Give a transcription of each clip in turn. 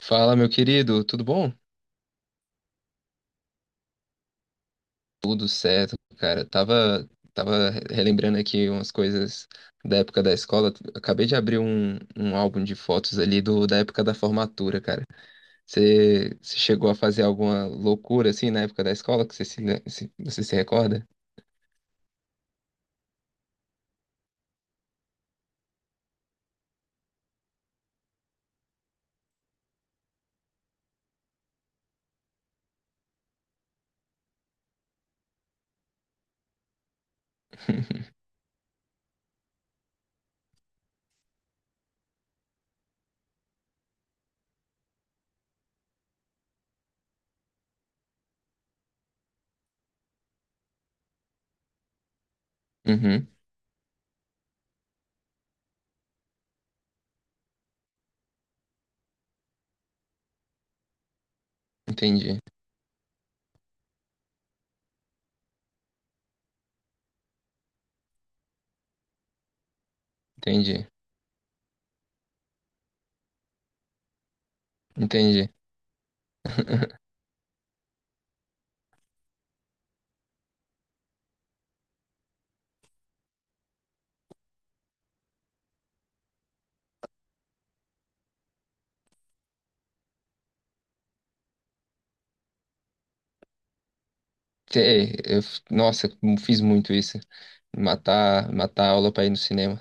Fala, meu querido, tudo bom? Tudo certo, cara. Tava relembrando aqui umas coisas da época da escola. Acabei de abrir um álbum de fotos ali da época da formatura, cara. Você chegou a fazer alguma loucura assim na época da escola que você se recorda? Uhum, entendi, entendi, entendi. Nossa, eu fiz muito isso. Matar a aula pra ir no cinema.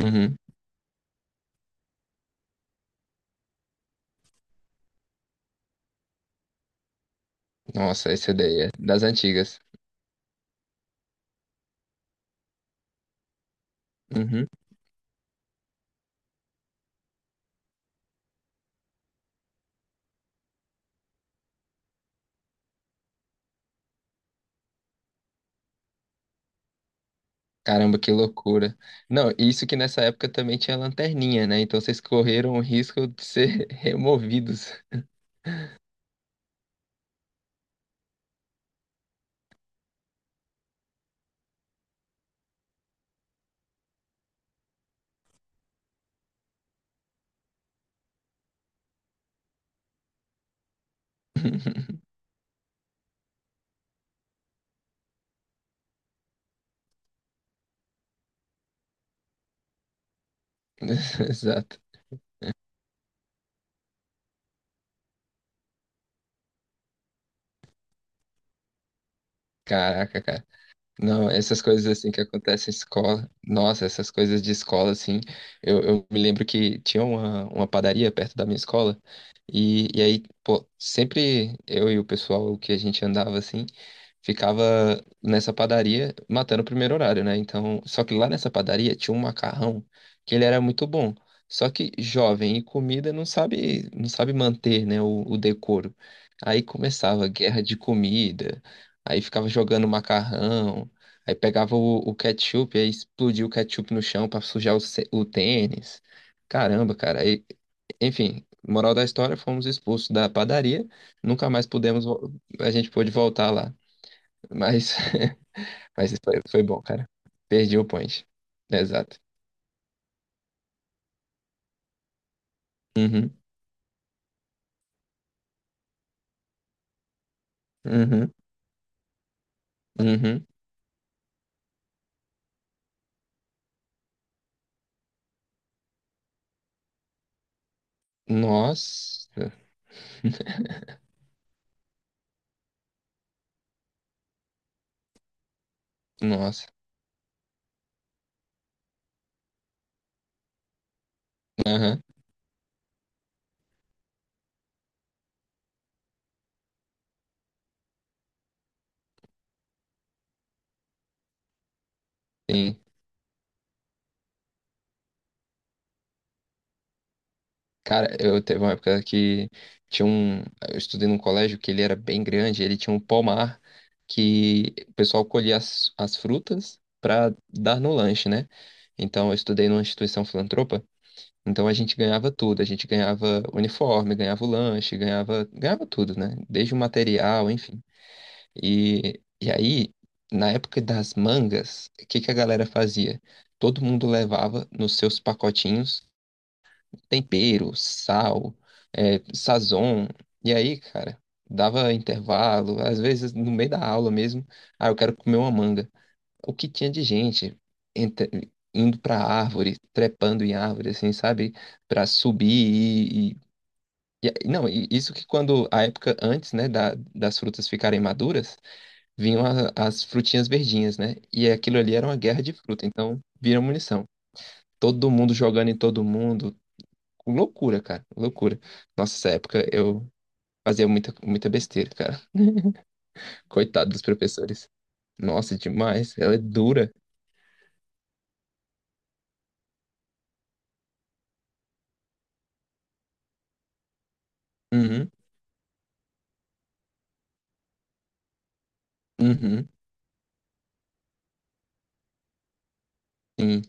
Uhum. Nossa, essa ideia é das antigas. Uhum. Caramba, que loucura. Não, isso que nessa época também tinha lanterninha, né? Então vocês correram o risco de ser removidos. Exato. Caraca, cara. Não, essas coisas assim que acontecem em escola, nossa, essas coisas de escola assim, eu me lembro que tinha uma padaria perto da minha escola e aí, pô, sempre eu e o pessoal que a gente andava assim, ficava nessa padaria matando o primeiro horário, né? Então, só que lá nessa padaria tinha um macarrão que ele era muito bom, só que jovem e comida não sabe manter, né, o decoro. Aí começava guerra de comida, aí ficava jogando macarrão. Aí pegava o ketchup, aí explodia o ketchup no chão pra sujar o tênis. Caramba, cara. Aí, enfim, moral da história, fomos expulsos da padaria. Nunca mais pudemos, vo- A gente pôde voltar lá. Mas, mas foi bom, cara. Perdi o point. Exato. Uhum, uhum, uhum. Nossa, nossa. Aham. Sim. Cara, eu teve uma época que tinha um. Eu estudei num colégio que ele era bem grande, ele tinha um pomar que o pessoal colhia as frutas para dar no lanche, né? Então eu estudei numa instituição filantropa, então a gente ganhava tudo, a gente ganhava uniforme, ganhava o lanche, ganhava tudo, né? Desde o material, enfim. E aí, na época das mangas, o que que a galera fazia? Todo mundo levava nos seus pacotinhos tempero, sal, é, sazon. E aí, cara, dava intervalo, às vezes no meio da aula mesmo, ah, eu quero comer uma manga. O que tinha de gente indo pra árvore, trepando em árvore, assim, sabe? Pra subir e- a- não, e isso que quando, a época antes, né, das frutas ficarem maduras, vinham as frutinhas verdinhas, né? E aquilo ali era uma guerra de fruta, então vira munição. Todo mundo jogando em todo mundo. Loucura, cara, loucura. Nossa, essa época eu fazia muita besteira, cara. Coitado dos professores. Nossa, demais. Ela é dura. Uhum, uhum, sim.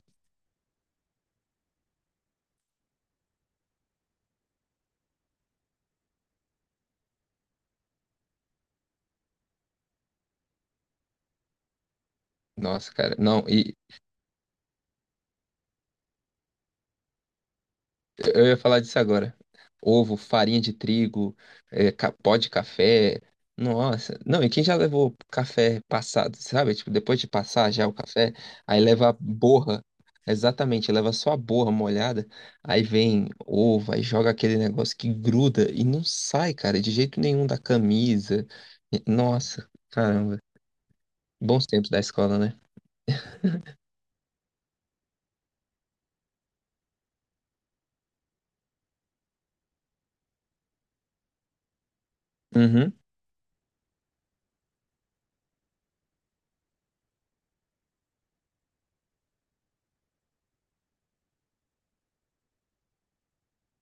Nossa, cara. Não, e eu ia falar disso agora. Ovo, farinha de trigo, é, pó de café. Nossa, não, e quem já levou café passado, sabe? Tipo, depois de passar já o café, aí leva a borra. Exatamente, leva só a borra molhada, aí vem ovo, aí joga aquele negócio que gruda e não sai, cara, de jeito nenhum da camisa. E- Nossa, caramba. Bons tempos da escola, né? Uhum.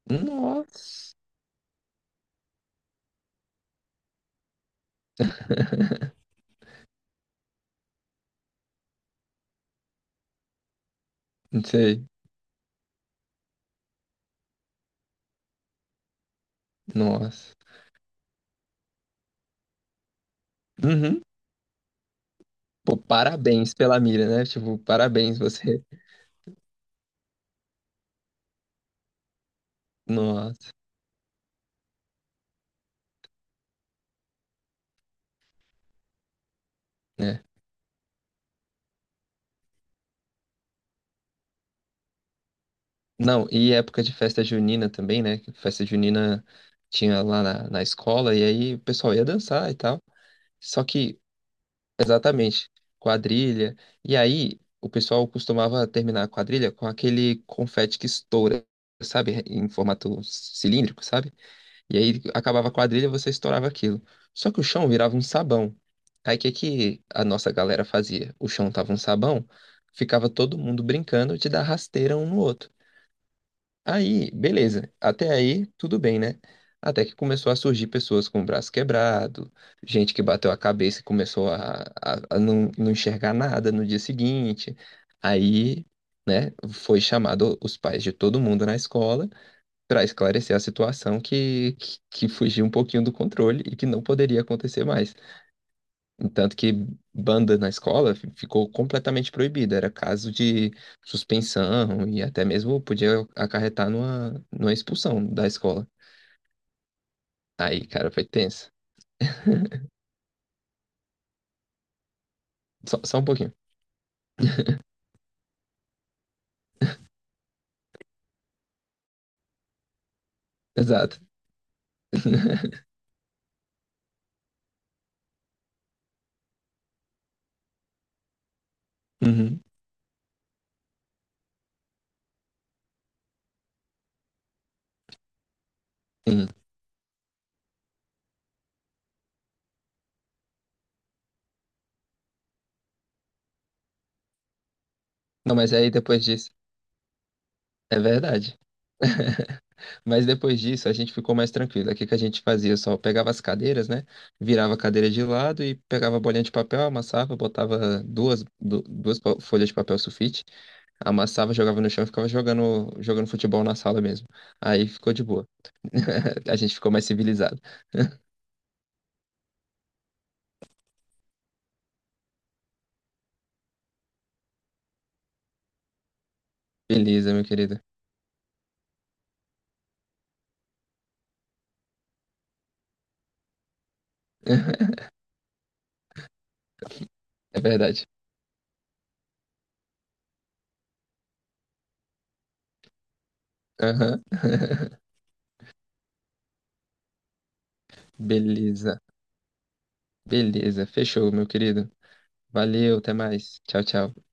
Nossa, não sei. Nossa. Uhum. Pô, parabéns pela mira, né? Tipo, parabéns você. Nossa, né? Não, e época de festa junina também, né? Que festa junina tinha lá na escola, e aí o pessoal ia dançar e tal. Só que, exatamente, quadrilha. E aí o pessoal costumava terminar a quadrilha com aquele confete que estoura, sabe? Em formato cilíndrico, sabe? E aí acabava a quadrilha, você estourava aquilo. Só que o chão virava um sabão. Aí o que que a nossa galera fazia? O chão tava um sabão, ficava todo mundo brincando de dar rasteira um no outro. Aí, beleza, até aí tudo bem, né? Até que começou a surgir pessoas com o braço quebrado, gente que bateu a cabeça e começou a não, não enxergar nada no dia seguinte. Aí, né, foi chamado os pais de todo mundo na escola para esclarecer a situação que fugiu um pouquinho do controle e que não poderia acontecer mais. Tanto que banda na escola ficou completamente proibida, era caso de suspensão e até mesmo podia acarretar numa expulsão da escola. Aí, cara, foi tenso. Só um pouquinho. Exato. Uhum, sim. Não, mas aí depois disso, é verdade. Mas depois disso, a gente ficou mais tranquilo. O que que a gente fazia? Só pegava as cadeiras, né? Virava a cadeira de lado e pegava a bolinha de papel, amassava, botava duas, du- duas pa- folhas de papel sulfite, amassava, jogava no chão e ficava jogando futebol na sala mesmo. Aí ficou de boa. A gente ficou mais civilizado. Beleza, meu querido. É verdade. Aham. Beleza. Beleza. Fechou, meu querido. Valeu, até mais. Tchau, tchau.